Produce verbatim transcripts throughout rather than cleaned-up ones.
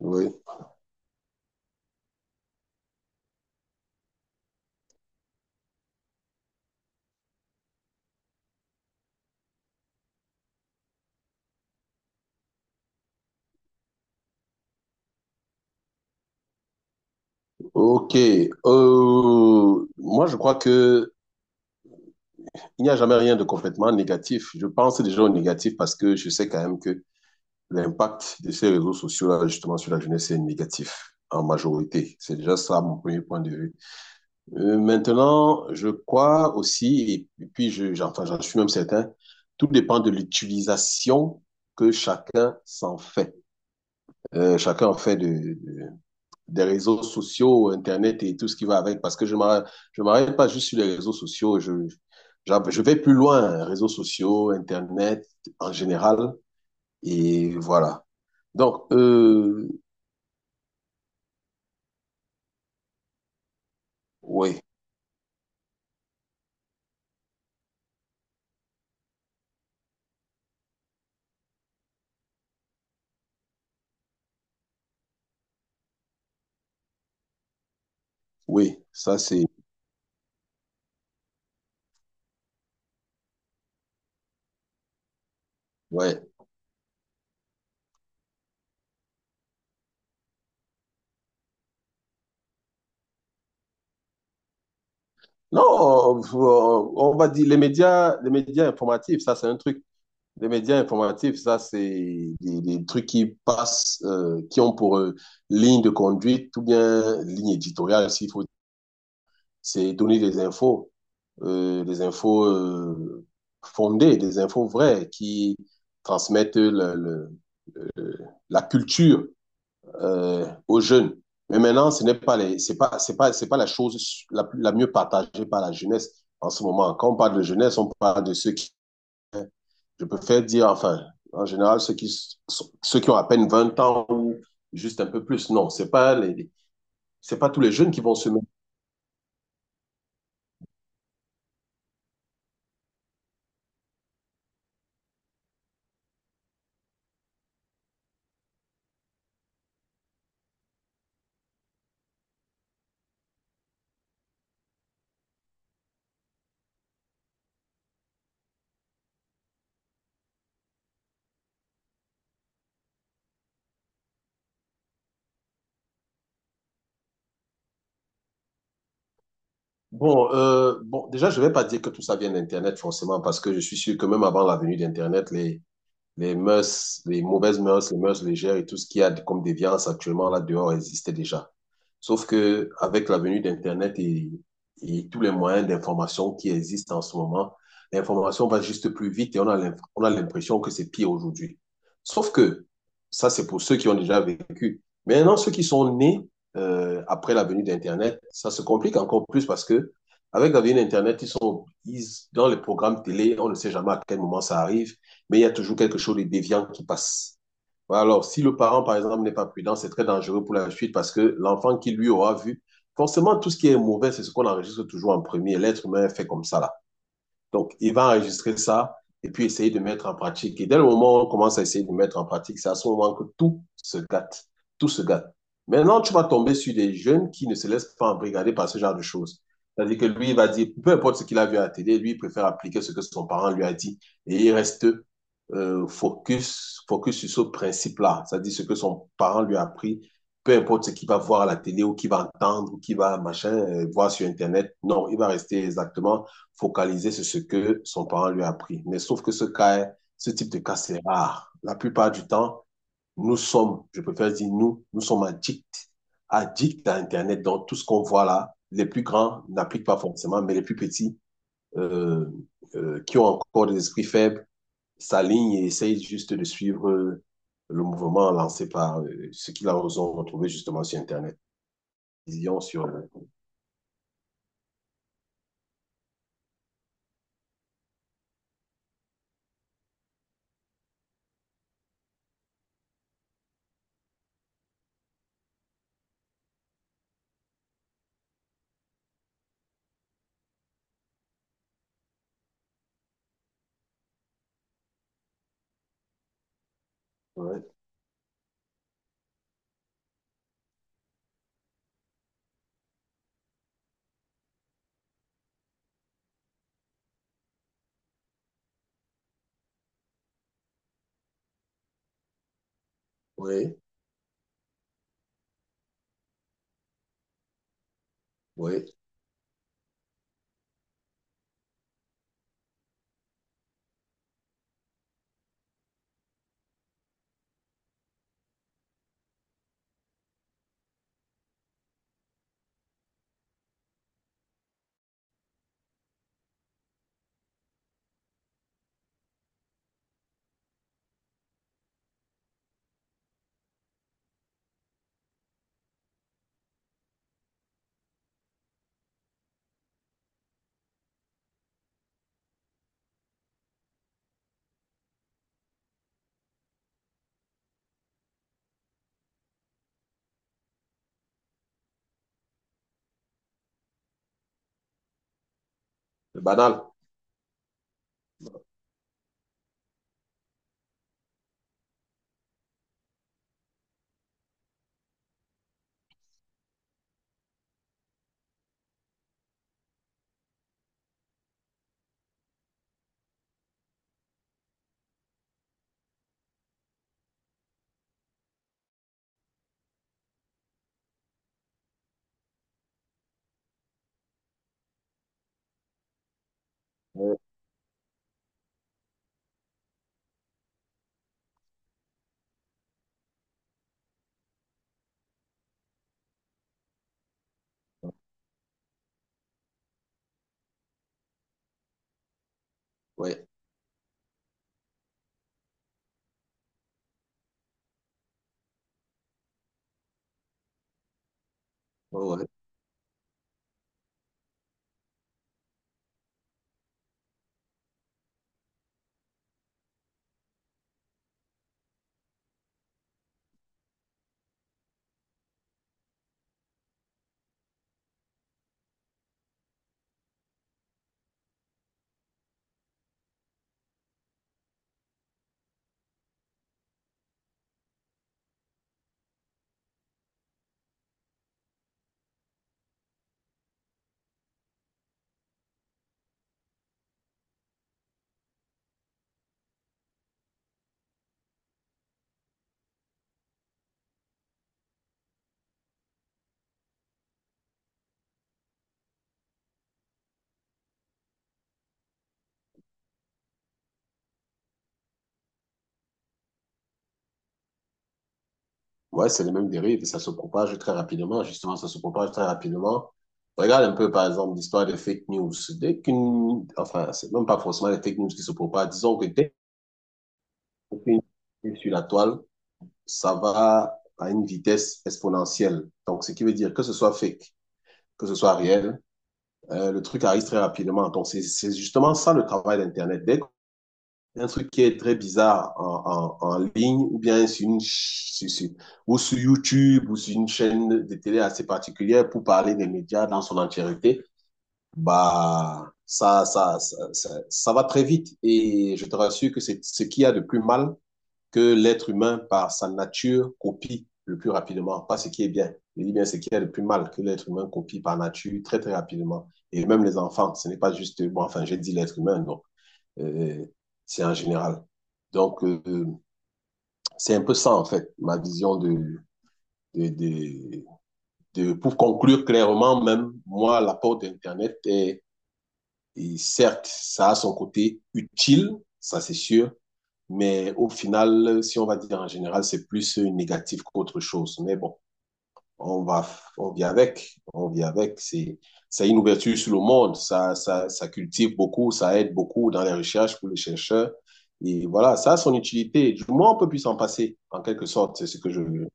Oui. Ok. Euh, Moi, je crois que il n'y a jamais rien de complètement négatif. Je pense déjà au négatif parce que je sais quand même que l'impact de ces réseaux sociaux-là, justement, sur la jeunesse est négatif en majorité. C'est déjà ça mon premier point de vue. Euh, maintenant, je crois aussi, et puis je, j'en enfin, j'en suis même certain, tout dépend de l'utilisation que chacun s'en fait. Euh, chacun en fait de, des réseaux sociaux, Internet et tout ce qui va avec, parce que je ne m'arrête pas juste sur les réseaux sociaux, je, je, je vais plus loin, réseaux sociaux, Internet en général, et voilà. Donc, euh, oui, oui, ça c'est... Ouais. Non, on, on va dire les médias, les médias informatifs, ça c'est un truc. Les médias informatifs, ça c'est des, des trucs qui passent, euh, qui ont pour euh, ligne de conduite ou bien ligne éditoriale, s'il faut c'est donner des infos, euh, des infos euh, fondées, des infos vraies qui transmettent le- le- la culture euh, aux jeunes. Mais maintenant, ce n'est pas les, c'est pas, c'est pas, c'est pas la chose la, la mieux partagée par la jeunesse en ce moment. Quand on parle de jeunesse, on parle de ceux qui, je préfère dire, enfin, en général, ceux qui, ceux qui ont à peine vingt ans ou juste un peu plus. Non, c'est pas les, C'est pas tous les jeunes qui vont se mettre. Bon, euh, bon, déjà, je vais pas dire que tout ça vient d'Internet forcément, parce que je suis sûr que même avant la venue d'Internet, les, les mœurs, les mauvaises mœurs, les mœurs légères et tout ce qu'il y a comme déviance actuellement là dehors existait déjà. Sauf que avec la venue d'Internet et, et tous les moyens d'information qui existent en ce moment, l'information va juste plus vite et on a on a l'impression que c'est pire aujourd'hui. Sauf que ça, c'est pour ceux qui ont déjà vécu. Maintenant, ceux qui sont nés euh, après la venue d'Internet, ça se complique encore plus parce que avec la venue d'Internet, ils sont ils- dans les programmes télé, on ne sait jamais à quel moment ça arrive, mais il y a toujours quelque chose de déviant qui passe. Ouais. Alors, si le parent, par exemple, n'est pas prudent, c'est très dangereux pour la suite parce que l'enfant qui lui aura vu, forcément, tout ce qui est mauvais, c'est ce qu'on enregistre toujours en premier. L'être humain est fait comme ça. Donc, il va enregistrer ça et puis essayer de mettre en pratique. Et dès le moment où on commence à essayer de mettre en pratique, c'est à ce moment que tout se gâte. Tout se gâte. Maintenant, tu vas tomber sur des jeunes qui ne se laissent pas embrigader par ce genre de choses. C'est-à-dire que lui, il va dire, peu importe ce qu'il a vu à la télé, lui, il préfère appliquer ce que son parent lui a dit. Et il reste euh, focus, focus sur ce principe-là. C'est-à-dire ce que son parent lui a appris, peu importe ce qu'il va voir à la télé ou qu'il va entendre ou qu'il va machin, euh, voir sur Internet. Non, il va rester exactement focaliser sur ce que son parent lui a appris. Mais sauf que ce cas, ce type de cas, c'est rare. La plupart du temps, nous sommes, je préfère dire nous, nous sommes addicts, addicts à Internet. Donc, tout ce qu'on voit là, les plus grands n'appliquent pas forcément, mais les plus petits, euh, euh, qui ont encore des esprits faibles, s'alignent et essayent juste de suivre euh, le mouvement lancé par ce qu'ils ont retrouvé justement sur Internet. Ils y ont sur... Oui, oui, oui. C'est banal. Oui, oui, oui. Ouais, c'est les mêmes dérives et ça se propage très rapidement. Justement, ça se propage très rapidement. Regarde un peu, par exemple, l'histoire des fake news. Dès qu'une, enfin, c'est même pas forcément les fake news qui se propagent. Disons que dès qu'une est sur la toile, ça va à une vitesse exponentielle. Donc, ce qui veut dire que ce soit fake, que ce soit réel, euh, le truc arrive très rapidement. Donc, c'est c'est justement ça le travail d'Internet. Dès un truc qui est très bizarre en, en- en ligne, ou bien sur une, ch- sur- sur- ou sur YouTube, ou sur une chaîne de télé assez particulière pour parler des médias dans son entièreté. Bah, ça, ça, ça, ça, ça va très vite. Et je te rassure que c'est ce qu'il y a de plus mal que l'être humain, par sa nature, copie le plus rapidement. Pas ce qui est bien. Je dis bien ce qu'il y a de plus mal que l'être humain copie par nature très, très rapidement. Et même les enfants, ce n'est pas juste, bon, enfin, j'ai dit l'être humain, non euh, c'est en général. Donc, euh, c'est un peu ça, en fait, ma vision de, de, de, de- Pour conclure clairement, même, moi, l'apport d'Internet est, et certes, ça a son côté utile, ça c'est sûr, mais au final, si on va dire en général, c'est plus euh, négatif qu'autre chose. Mais bon. on va, on vit avec, on vit avec. C'est, c'est une ouverture sur le monde, ça, ça, ça cultive beaucoup, ça aide beaucoup dans les recherches pour les chercheurs. Et voilà, ça a son utilité. Du moins, on peut plus s'en passer, en quelque sorte, c'est ce que je veux.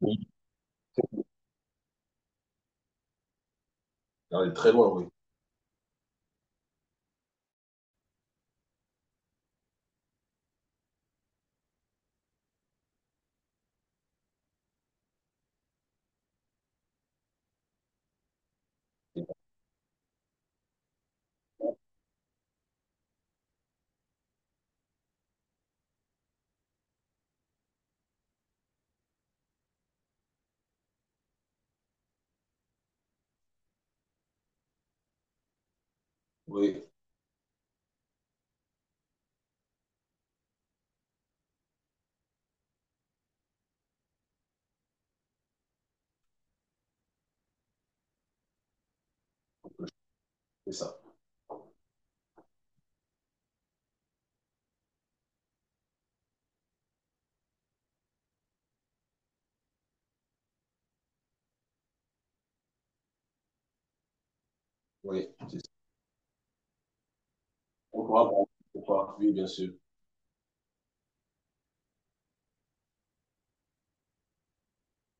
Oui. Dans les très loin, oui. Oui, c'est ça. Oui, c'est ça. On pourra, on pourra, oui, bien sûr.